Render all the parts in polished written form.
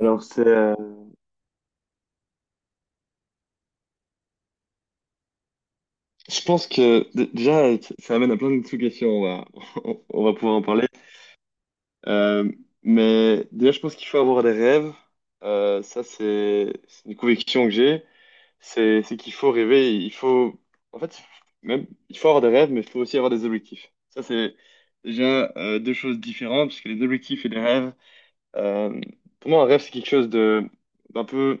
Alors, je pense que déjà, ça amène à plein de sous-questions. On va pouvoir en parler. Euh, mais déjà, je pense qu'il faut avoir des rêves. Ça, c'est une conviction que j'ai. C'est qu'il faut rêver. Il faut, en fait, même, il faut avoir des rêves, mais il faut aussi avoir des objectifs. Ça, c'est déjà deux choses différentes, parce que les objectifs et les rêves, euh, pour moi, un rêve, c'est quelque chose de d'un peu.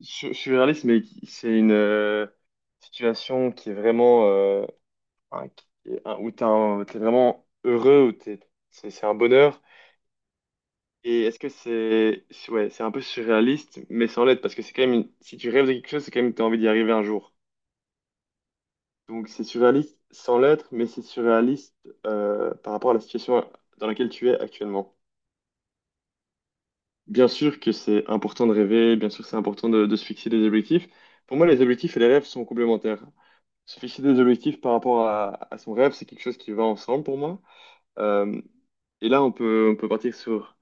Je suis réaliste, mais c'est une situation qui est vraiment un- qui est un- où t'es un- t'es vraiment heureux, où t'es, c'est un bonheur. Et est-ce que ouais, c'est un peu surréaliste, mais sans l'être, parce que c'est quand même si tu rêves de quelque chose, c'est quand même que t'as envie d'y arriver un jour. Donc c'est surréaliste sans l'être, mais c'est surréaliste par rapport à la situation dans laquelle tu es actuellement. Bien sûr que c'est important de rêver, bien sûr que c'est important de se fixer des objectifs. Pour moi, les objectifs et les rêves sont complémentaires. Se fixer des objectifs par rapport à son rêve, c'est quelque chose qui va ensemble pour moi. Euh, et là, on peut partir sur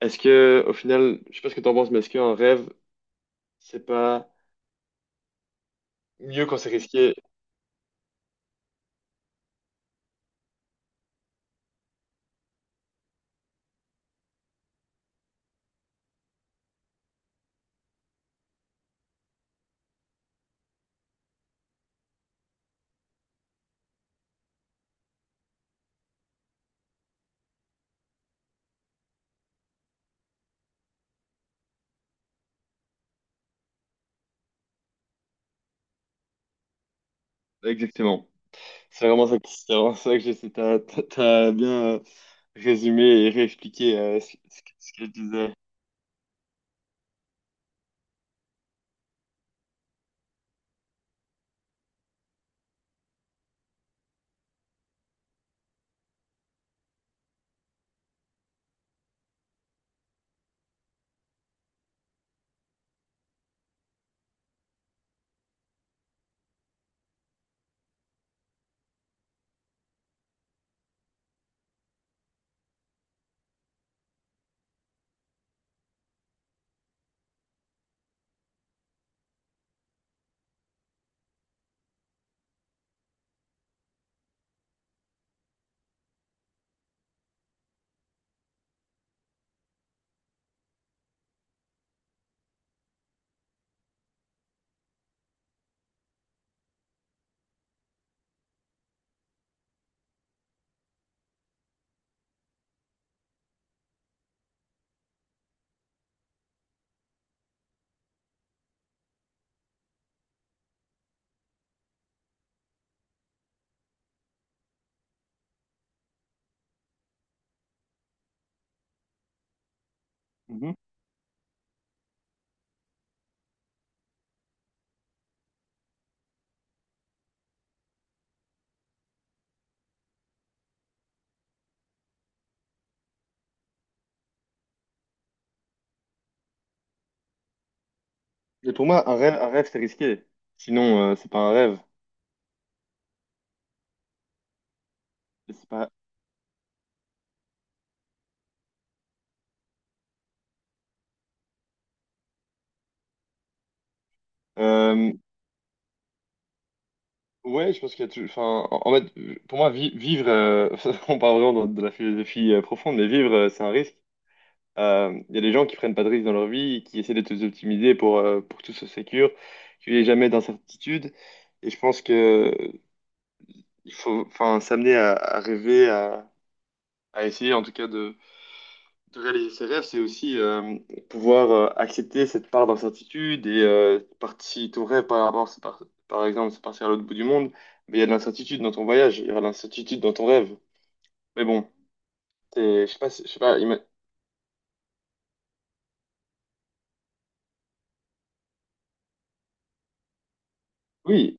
est-ce que, au final, je sais pas ce que t'en penses, mais est-ce qu'un rêve, c'est pas mieux quand c'est risqué? Exactement. C'est vraiment ça, c'est vraiment ça que j'essaie. T'as bien résumé et réexpliqué ce que je disais. Mhm. Et pour moi, un rêve, c'est risqué. Sinon, c'est pas un rêve. C'est pas. euh, Ouais, je pense qu'il y a tout. Enfin, en fait, pour moi, vivre, on parle vraiment de la philosophie profonde, mais vivre, c'est un risque. Il y a des gens qui prennent pas de risques dans leur vie, qui essaient de tout optimiser pour que tout soit sécure, qu'il n'y ait jamais d'incertitude. Et je pense que euh, il faut, enfin, s'amener à rêver, à essayer en tout cas de réaliser ses rêves, c'est aussi pouvoir accepter cette part d'incertitude et parti, ton rêve par rapport, par exemple, c'est partir à l'autre bout du monde, mais il y a de l'incertitude dans ton voyage, il y aura de l'incertitude dans ton rêve. Mais bon, je sais pas, je sais pas, oui,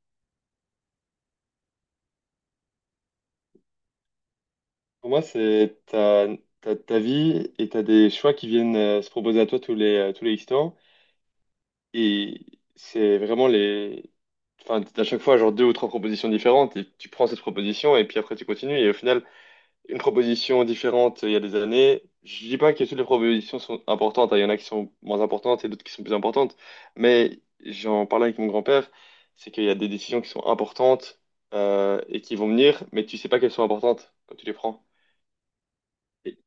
pour moi, c'est ta vie et t'as des choix qui viennent se proposer à toi tous les X temps et c'est vraiment les enfin, t'as à chaque fois, genre deux ou trois propositions différentes et tu prends cette proposition et puis après tu continues et au final, une proposition différente il y a des années. Je dis pas que toutes les propositions sont importantes, hein. Il y en a qui sont moins importantes et d'autres qui sont plus importantes. Mais j'en parlais avec mon grand-père, c'est qu'il y a des décisions qui sont importantes et qui vont venir, mais tu sais pas qu'elles sont importantes quand tu les prends. Et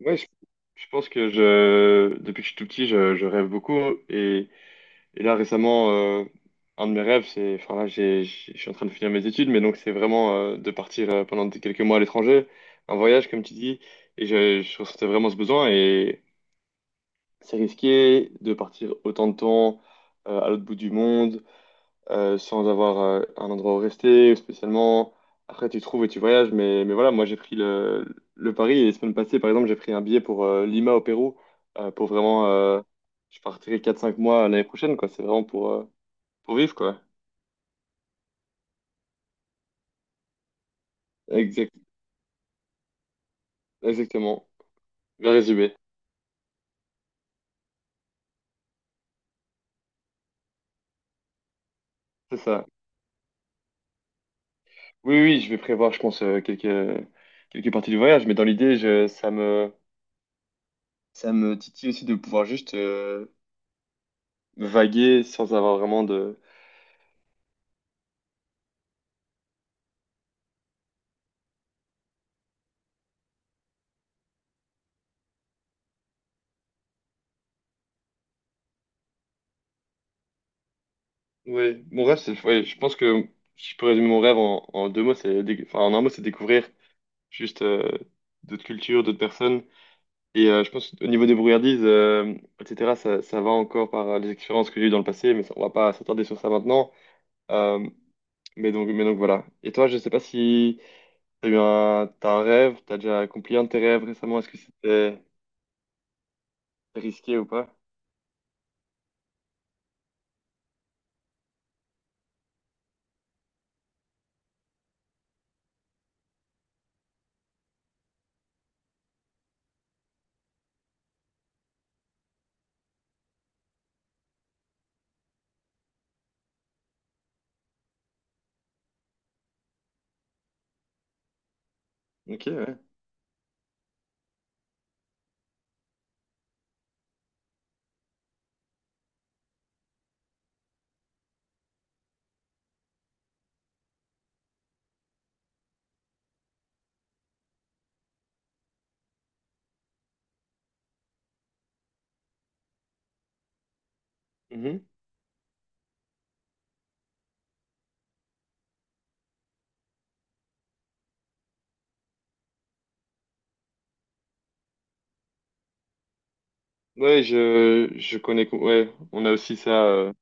ouais, je pense que je, depuis que je suis tout petit, je rêve beaucoup et Et là, récemment, un de mes rêves, c'est, enfin là, je suis en train de finir mes études, mais donc c'est vraiment de partir pendant quelques mois à l'étranger, un voyage, comme tu dis, et je ressentais vraiment ce besoin, et c'est risqué de partir autant de temps à l'autre bout du monde, sans avoir un endroit où rester, ou spécialement. Après, tu trouves et tu voyages, mais voilà, moi, le pari, et la semaine passée, par exemple, j'ai pris un billet pour Lima au Pérou, pour vraiment, je partirai quatre cinq mois l'année prochaine, quoi, c'est vraiment pour vivre, quoi. Exact, exactement. Bien résumé. C'est ça. Oui, oui, je vais prévoir, je pense, quelques, quelques parties du voyage, mais dans l'idée, ça me titille aussi de pouvoir juste vaguer sans avoir vraiment de. Oui mon rêve, c'est. Ouais, je pense que si je peux résumer mon rêve en deux mots, c'est. Enfin, en un mot, c'est découvrir juste d'autres cultures, d'autres personnes. Et je pense au niveau des brouillardises, etc., ça va encore par les expériences que j'ai eues dans le passé, mais on va pas s'attarder sur ça maintenant. Euh, mais donc voilà. Et toi, je sais pas si t'as un rêve, t'as déjà accompli un de tes rêves récemment, est-ce que c'était risqué ou pas? Ok, ouais. Mhm. Ouais, je connais, ouais, on a aussi ça.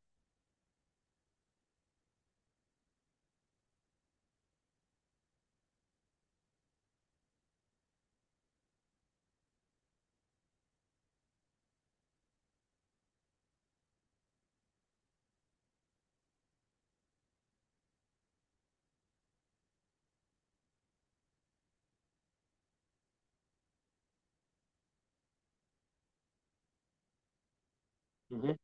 Mhm.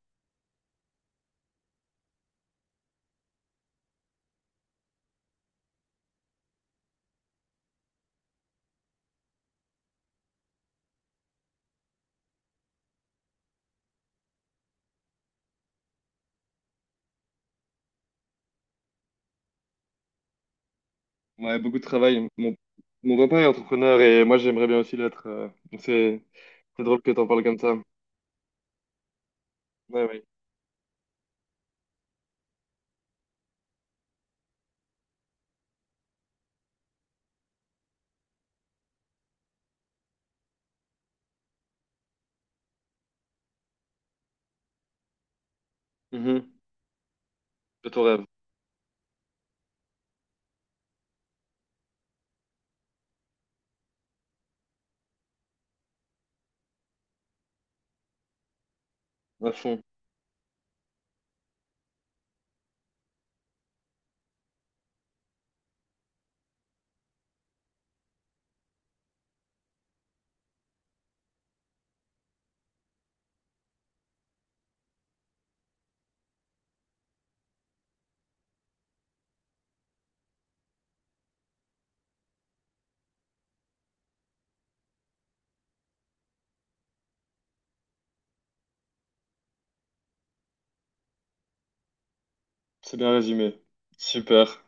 Ouais, beaucoup de travail. Mon papa est entrepreneur et moi j'aimerais bien aussi l'être. Donc c'est drôle que t'en parles comme ça. Ouais, ouais. Mhm. De ton rêve, à fond. C'est bien résumé. Super.